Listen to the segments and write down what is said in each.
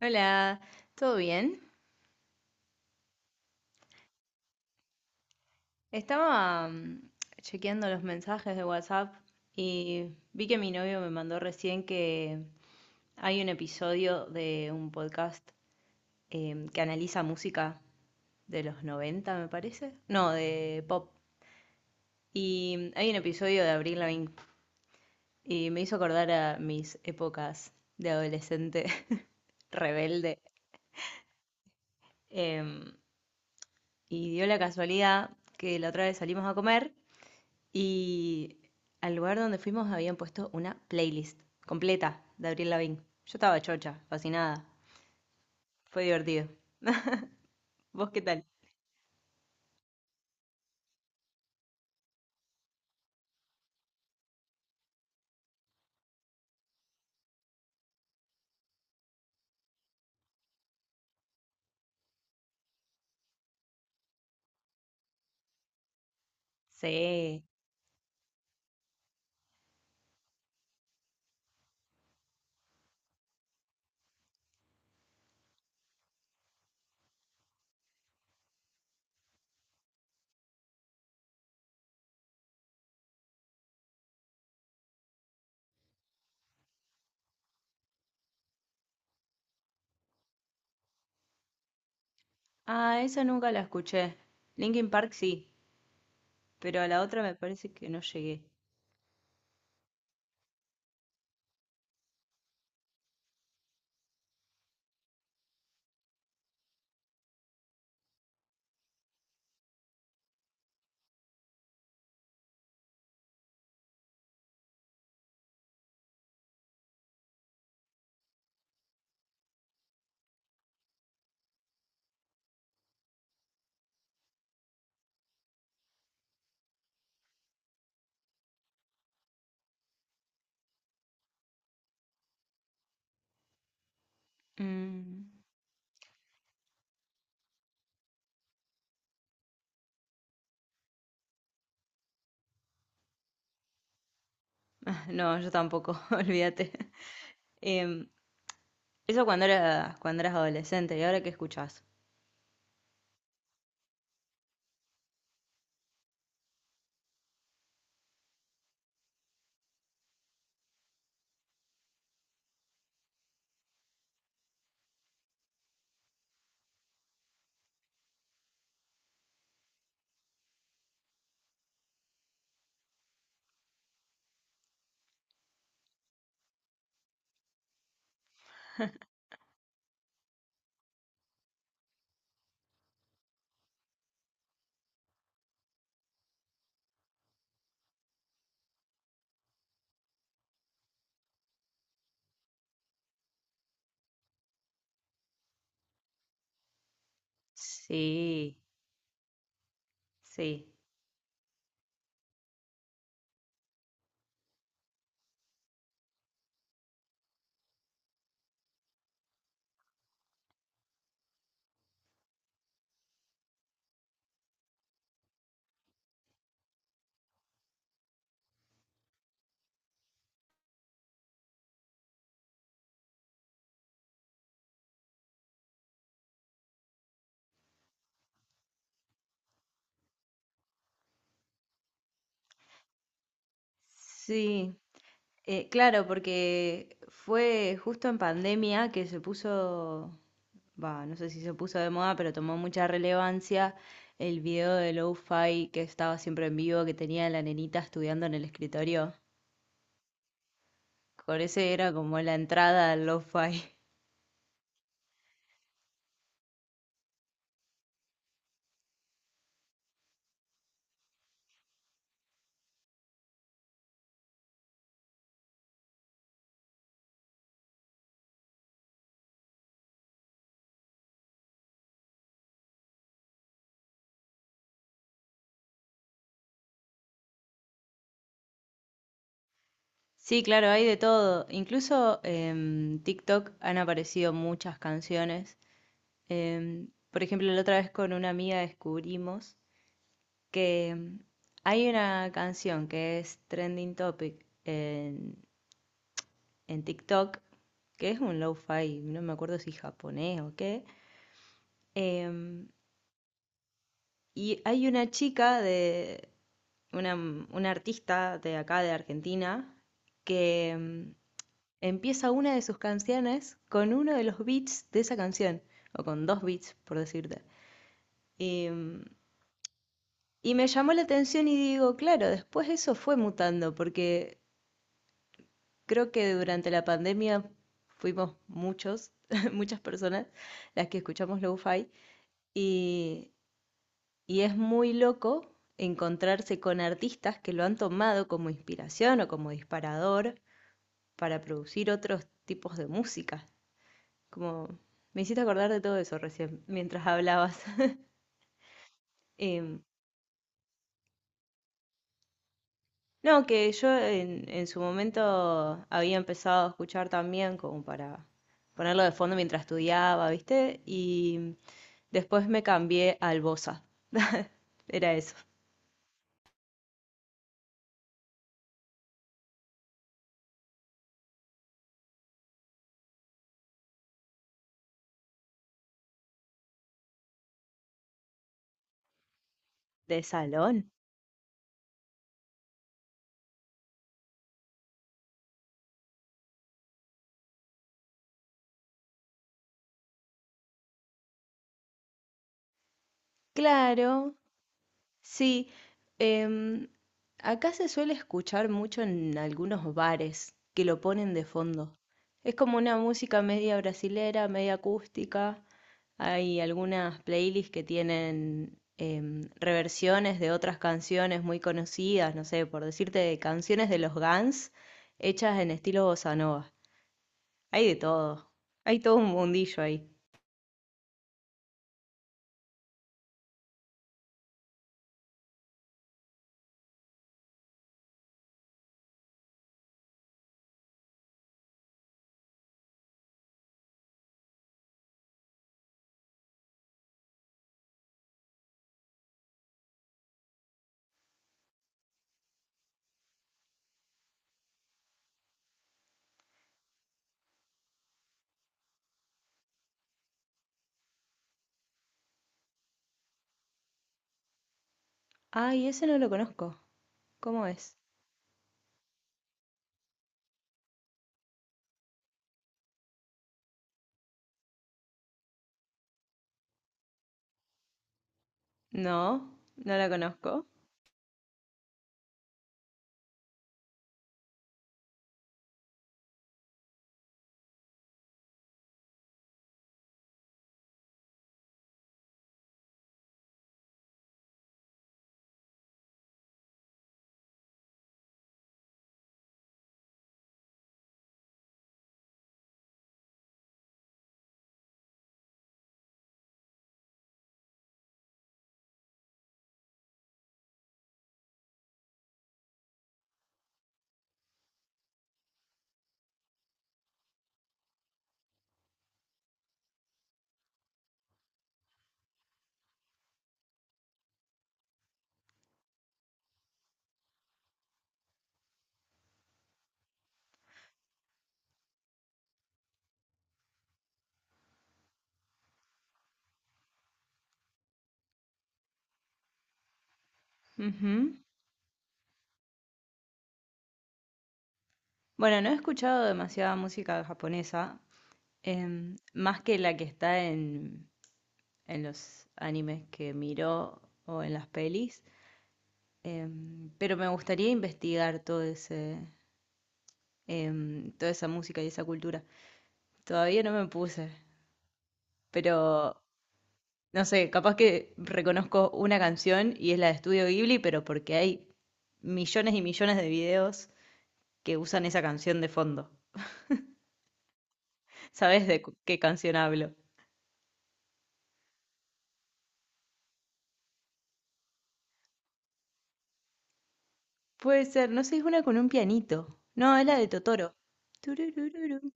Hola, ¿todo bien? Estaba chequeando los mensajes de WhatsApp y vi que mi novio me mandó recién que hay un episodio de un podcast que analiza música de los 90, me parece. No, de pop. Y hay un episodio de Avril Lavigne y me hizo acordar a mis épocas de adolescente rebelde. Em, y dio la casualidad que la otra vez salimos a comer. Y al lugar donde fuimos habían puesto una playlist completa de Abril Lavigne. Yo estaba chocha, fascinada. Fue divertido. ¿Vos qué tal? Sí. Ah, esa nunca la escuché. Linkin Park sí, pero a la otra me parece que no llegué. Mm, No, yo tampoco, olvídate. Em, Eso cuando eras adolescente, ¿y ahora qué escuchás? Sí, sí, sí. Claro, porque fue justo en pandemia que se puso, va, no sé si se puso de moda, pero tomó mucha relevancia el video de Lo-Fi que estaba siempre en vivo, que tenía la nenita estudiando en el escritorio. Por ese era como la entrada al Lo-Fi. Sí, claro, hay de todo. Incluso en TikTok han aparecido muchas canciones. Por ejemplo, la otra vez con una amiga descubrimos que hay una canción que es trending topic en TikTok, que es un lo-fi, no me acuerdo si japonés o qué, em, y hay una chica de, una, una artista de acá de Argentina, que empieza una de sus canciones con uno de los beats de esa canción, o con dos beats, por decirte. Y, mm, y me llamó la atención y digo, claro, después eso fue mutando, porque creo que durante la pandemia fuimos muchos, muchas personas las que escuchamos lo-fi y, y es muy loco encontrarse con artistas que lo han tomado como inspiración o como disparador para producir otros tipos de música. Como me hiciste acordar de todo eso recién, mientras hablabas. Eh, no, que yo en su momento había empezado a escuchar también como para ponerlo de fondo mientras estudiaba, ¿viste? Y después me cambié al Bosa. Era eso. ¿De salón? Claro, sí. Em, Acá se suele escuchar mucho en algunos bares que lo ponen de fondo. Es como una música media brasilera, media acústica. Hay algunas playlists que tienen reversiones de otras canciones muy conocidas, no sé, por decirte, de canciones de los Guns hechas en estilo bossa nova. Hay de todo. Hay todo un mundillo ahí. Ay, ese no lo conozco. ¿Cómo es? No, no la conozco. Ujú. Bueno, no he escuchado demasiada música japonesa, más que la que está en los animes que miro o en las pelis, pero me gustaría investigar todo ese, toda esa música y esa cultura. Todavía no me puse, pero no sé, capaz que reconozco una canción y es la de Estudio Ghibli, pero porque hay millones y millones de videos que usan esa canción de fondo. ¿Sabes de qué canción hablo? Puede ser, no sé, es una con un pianito. No, es la de Totoro. Turururu.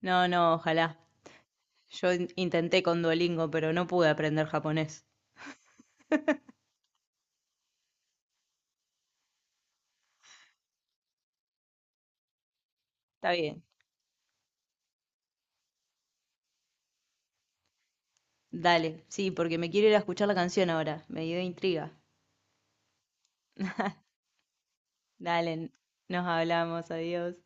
No, no, ojalá. Yo intenté con Duolingo, pero no pude aprender japonés. Está bien. Dale, sí, porque me quiero ir a escuchar la canción ahora. Me dio intriga. Dale, nos hablamos, adiós.